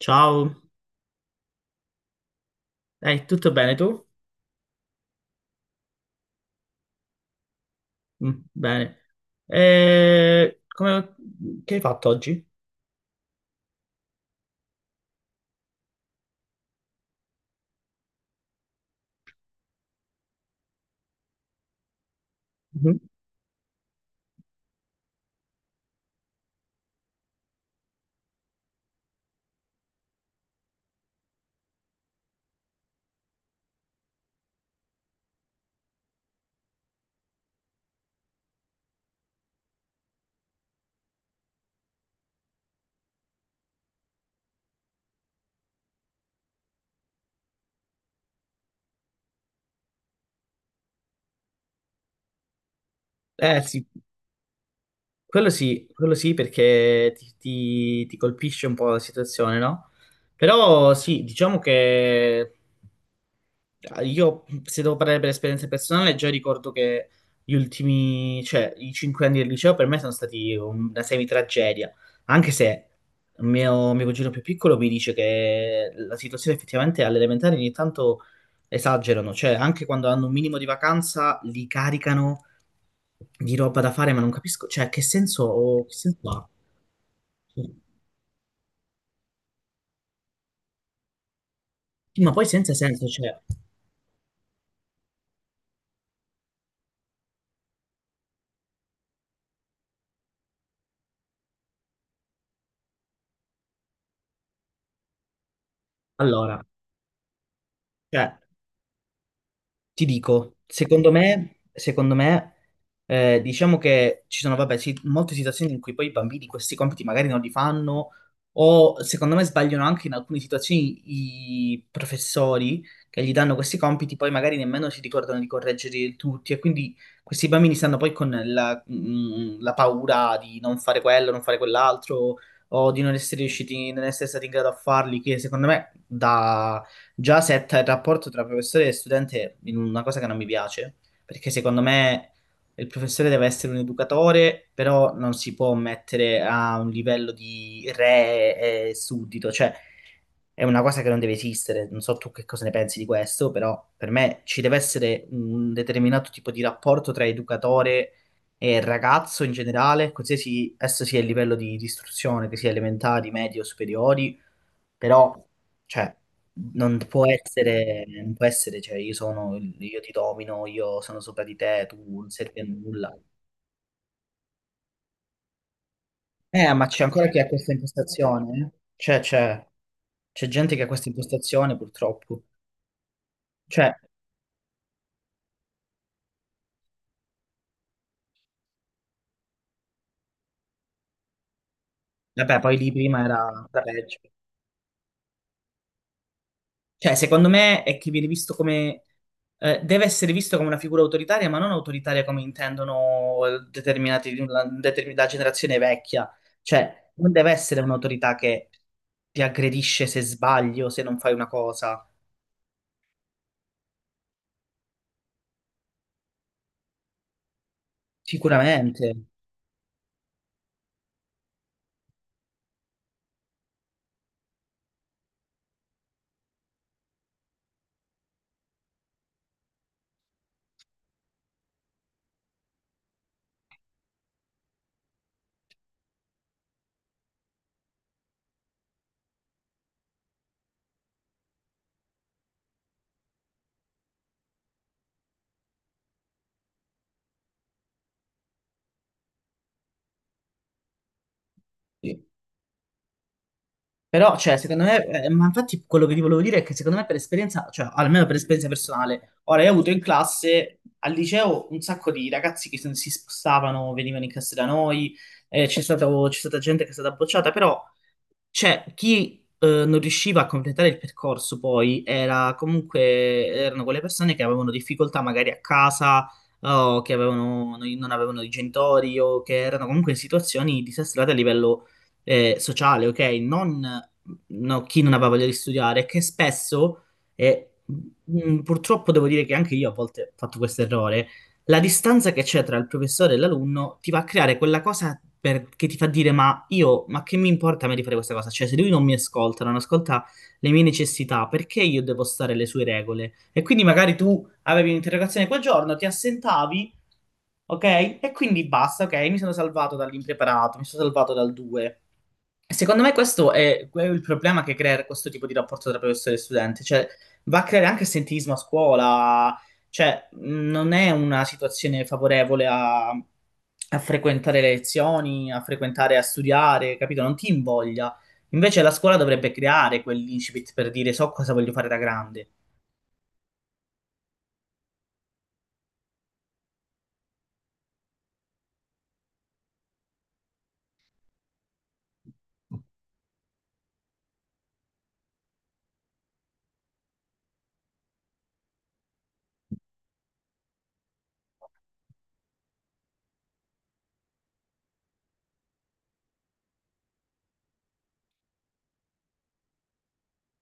Ciao, tutto bene tu? Mm, bene. Eh, come- che hai fatto oggi? Mhm. Eh sì, quello sì, quello sì perché ti colpisce un po' la situazione, no? Però sì, diciamo che io, se devo parlare per esperienza personale, già ricordo che gli ultimi, cioè i 5 anni del liceo per me sono stati una semi-tragedia, anche se mio cugino più piccolo mi dice che la situazione effettivamente alle elementari ogni tanto esagerano, cioè anche quando hanno un minimo di vacanza li caricano di roba da fare, ma non capisco, cioè che senso ha? Sì, ma poi senza senso, cioè, allora, cioè, ti dico, secondo me, diciamo che ci sono, vabbè, sì, molte situazioni in cui poi i bambini questi compiti magari non li fanno, o secondo me sbagliano anche in alcune situazioni i professori che gli danno questi compiti, poi magari nemmeno si ricordano di correggerli tutti, e quindi questi bambini stanno poi con la paura di non fare quello, non fare quell'altro, o di non essere riusciti, non essere stati in grado a farli, che secondo me già setta il rapporto tra professore e studente in una cosa che non mi piace, perché secondo me il professore deve essere un educatore, però non si può mettere a un livello di re e suddito, cioè è una cosa che non deve esistere. Non so tu che cosa ne pensi di questo, però per me ci deve essere un determinato tipo di rapporto tra educatore e ragazzo in generale, qualsiasi esso sia il livello di istruzione, che sia elementari, medie o superiori. Però, cioè, non può essere, non può essere, cioè, io ti domino, io sono sopra di te, tu non servi a nulla. Ma c'è ancora chi ha questa impostazione? Eh? Cioè, c'è gente che ha questa impostazione, purtroppo. Cioè, vabbè, poi lì prima era da peggio. Cioè, secondo me è che viene visto come, deve essere visto come una figura autoritaria, ma non autoritaria come intendono determinati, la generazione vecchia. Cioè, non deve essere un'autorità che ti aggredisce se sbagli o se non fai una cosa. Sicuramente. Però, cioè, secondo me, ma infatti quello che ti volevo dire è che secondo me per esperienza, cioè almeno per esperienza personale, ora io ho avuto in classe, al liceo, un sacco di ragazzi che si spostavano, venivano in classe da noi, c'è stata gente che è stata bocciata, però cioè, chi non riusciva a completare il percorso poi era comunque erano quelle persone che avevano difficoltà magari a casa o che avevano, no, non avevano i genitori o che erano comunque in situazioni disastrate a livello sociale, ok? Non No, chi non aveva voglia di studiare, che spesso, e purtroppo devo dire che anche io a volte ho fatto questo errore, la distanza che c'è tra il professore e l'alunno ti va a creare quella cosa che ti fa dire: ma io, ma che mi importa a me di fare questa cosa? Cioè, se lui non mi ascolta, non ascolta le mie necessità, perché io devo stare alle sue regole? E quindi magari tu avevi un'interrogazione quel giorno, ti assentavi, ok? E quindi basta, ok? Mi sono salvato dall'impreparato, mi sono salvato dal 2. Secondo me questo è, quello il problema che crea questo tipo di rapporto tra professore e studente, cioè va a creare anche assentismo a scuola, cioè non è una situazione favorevole a frequentare le lezioni, a frequentare, a studiare, capito? Non ti invoglia. Invece la scuola dovrebbe creare quell'incipit per dire so cosa voglio fare da grande.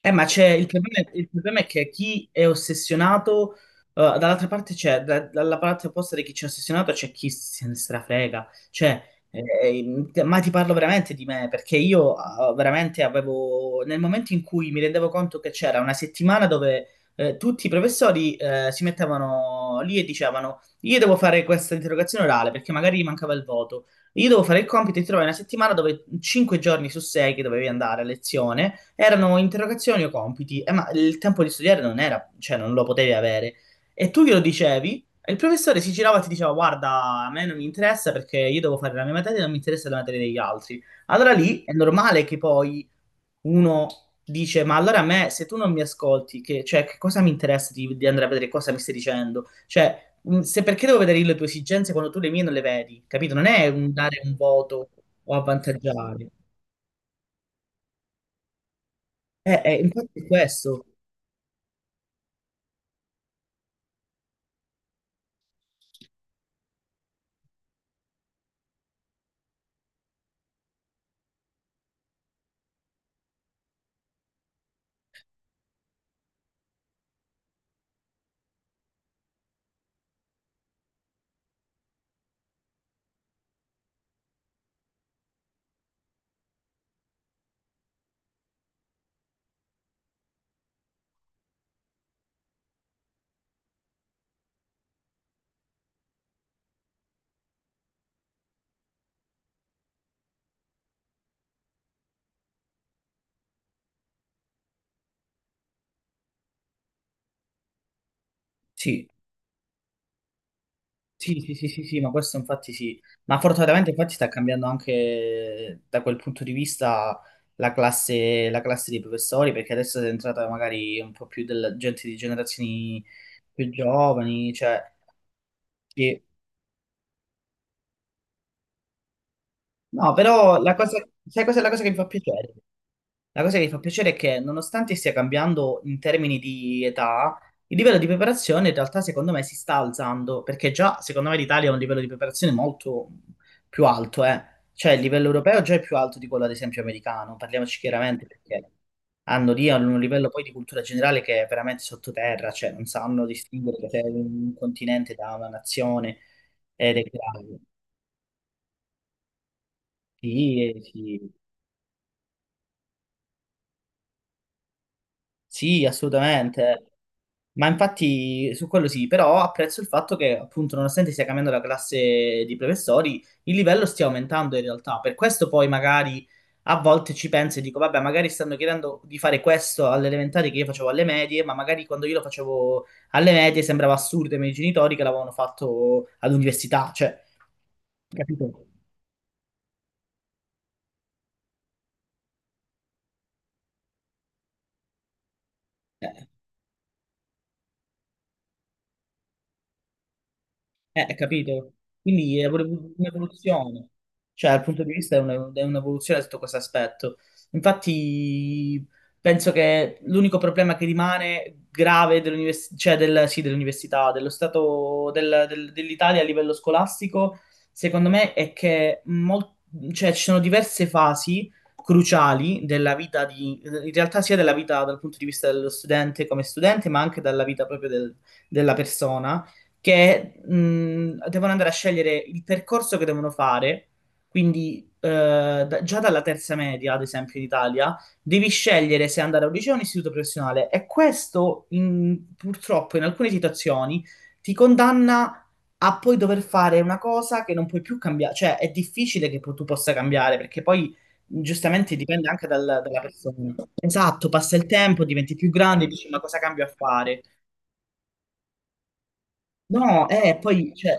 Ma c'è il problema è che chi è ossessionato, dall'altra parte c'è, dalla parte opposta di chi c'è ossessionato c'è chi se ne strafrega, cioè, ma ti parlo veramente di me, perché io veramente avevo, nel momento in cui mi rendevo conto che c'era una settimana dove tutti i professori si mettevano lì e dicevano, io devo fare questa interrogazione orale perché magari mancava il voto, io devo fare il compito e ti trovai una settimana dove 5 giorni su 6 che dovevi andare a lezione erano interrogazioni o compiti. Ma il tempo di studiare non era, cioè non lo potevi avere. E tu glielo dicevi e il professore si girava e ti diceva: guarda, a me non mi interessa perché io devo fare la mia materia e non mi interessa la materia degli altri. Allora lì è normale che poi uno dice: ma allora a me, se tu non mi ascolti, che, cioè, che cosa mi interessa di andare a vedere cosa mi stai dicendo? Cioè, se perché devo vedere io le tue esigenze quando tu le mie non le vedi, capito? Non è un dare un voto o avvantaggiare. Infatti è questo. Sì, sì, sì, sì, sì, sì, ma questo infatti sì. Ma fortunatamente infatti sta cambiando anche da quel punto di vista la classe dei professori, perché adesso è entrata magari un po' più della gente di generazioni più giovani, cioè, sì. No, però la cosa, sai cos'è la cosa che mi fa piacere? La cosa che mi fa piacere è che, nonostante stia cambiando in termini di età, il livello di preparazione in realtà secondo me si sta alzando, perché già secondo me l'Italia ha un livello di preparazione molto più alto, eh. Cioè il livello europeo già è più alto di quello ad esempio americano, parliamoci chiaramente perché hanno lì un livello poi di cultura generale che è veramente sottoterra, cioè non sanno distinguere se è un continente da una nazione ed è grave. Sì, sì. Sì, assolutamente. Ma infatti su quello sì, però apprezzo il fatto che appunto nonostante stia cambiando la classe di professori, il livello stia aumentando in realtà. Per questo poi magari a volte ci penso e dico, vabbè, magari stanno chiedendo di fare questo alle elementari che io facevo alle medie, ma magari quando io lo facevo alle medie sembrava assurdo ai miei genitori che l'avevano fatto all'università, cioè, capito? Eh. Capito? Quindi è pure un'evoluzione, cioè dal punto di vista è un'evoluzione sotto questo aspetto. Infatti penso che l'unico problema che rimane grave cioè sì, dell'università, dello stato dell'Italia a livello scolastico, secondo me è che cioè, ci sono diverse fasi cruciali della vita di, in realtà sia della vita dal punto di vista dello studente come studente, ma anche dalla vita proprio della persona che devono andare a scegliere il percorso che devono fare. Quindi, già dalla terza media, ad esempio, in Italia, devi scegliere se andare a un liceo o un istituto professionale. E questo, purtroppo, in alcune situazioni ti condanna a poi dover fare una cosa che non puoi più cambiare. Cioè, è difficile che tu possa cambiare, perché poi. Giustamente dipende anche dalla persona. Esatto, passa il tempo, diventi più grande, dici ma cosa cambio a fare? No, poi, cioè,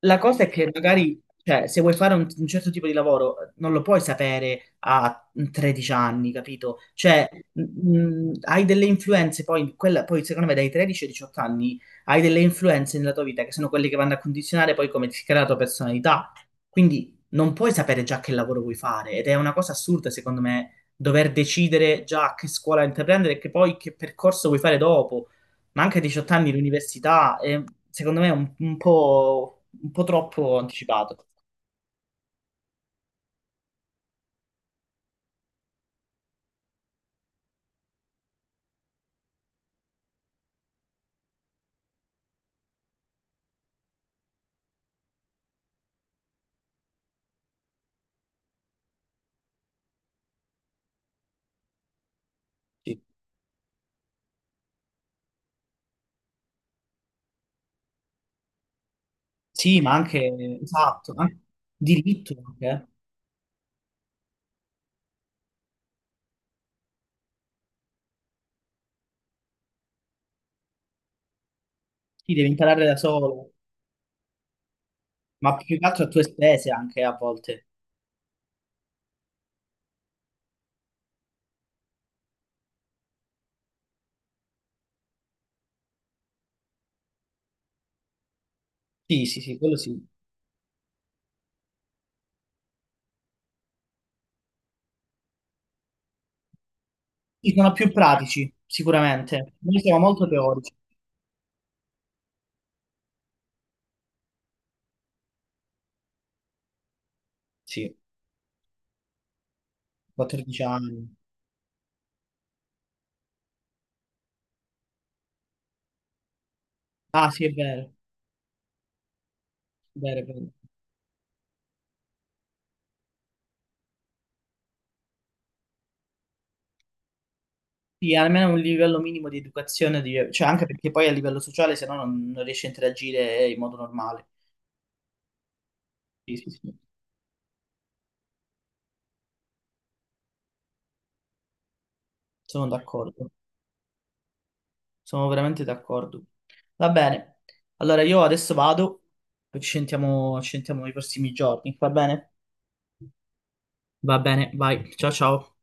la cosa è che magari, cioè, se vuoi fare un certo tipo di lavoro, non lo puoi sapere a 13 anni, capito? Cioè, hai delle influenze, poi, poi secondo me dai 13 ai 18 anni hai delle influenze nella tua vita che sono quelle che vanno a condizionare poi come ti crea la tua personalità. Quindi non puoi sapere già che lavoro vuoi fare ed è una cosa assurda, secondo me, dover decidere già che scuola intraprendere e che poi che percorso vuoi fare dopo. Ma anche a 18 anni l'università è, secondo me, un po' troppo anticipato. Sì, sì, ma anche, esatto, anche diritto anche, eh. Sì, devi imparare da solo, ma più che altro a tue spese anche a volte. Sì, sì, sì, quello sì. Sì, sono più pratici, sicuramente. Noi siamo molto teorici. Sì, 14 anni. Ah, sì, è vero, è vero, è vero. Sì, almeno un livello minimo di educazione, cioè anche perché poi a livello sociale, se no non riesci a interagire in modo normale. Sì, sì, sì. Sono d'accordo, sono veramente d'accordo. Va bene, allora io adesso vado, poi ci sentiamo nei prossimi giorni, va bene? Va bene, vai, ciao ciao.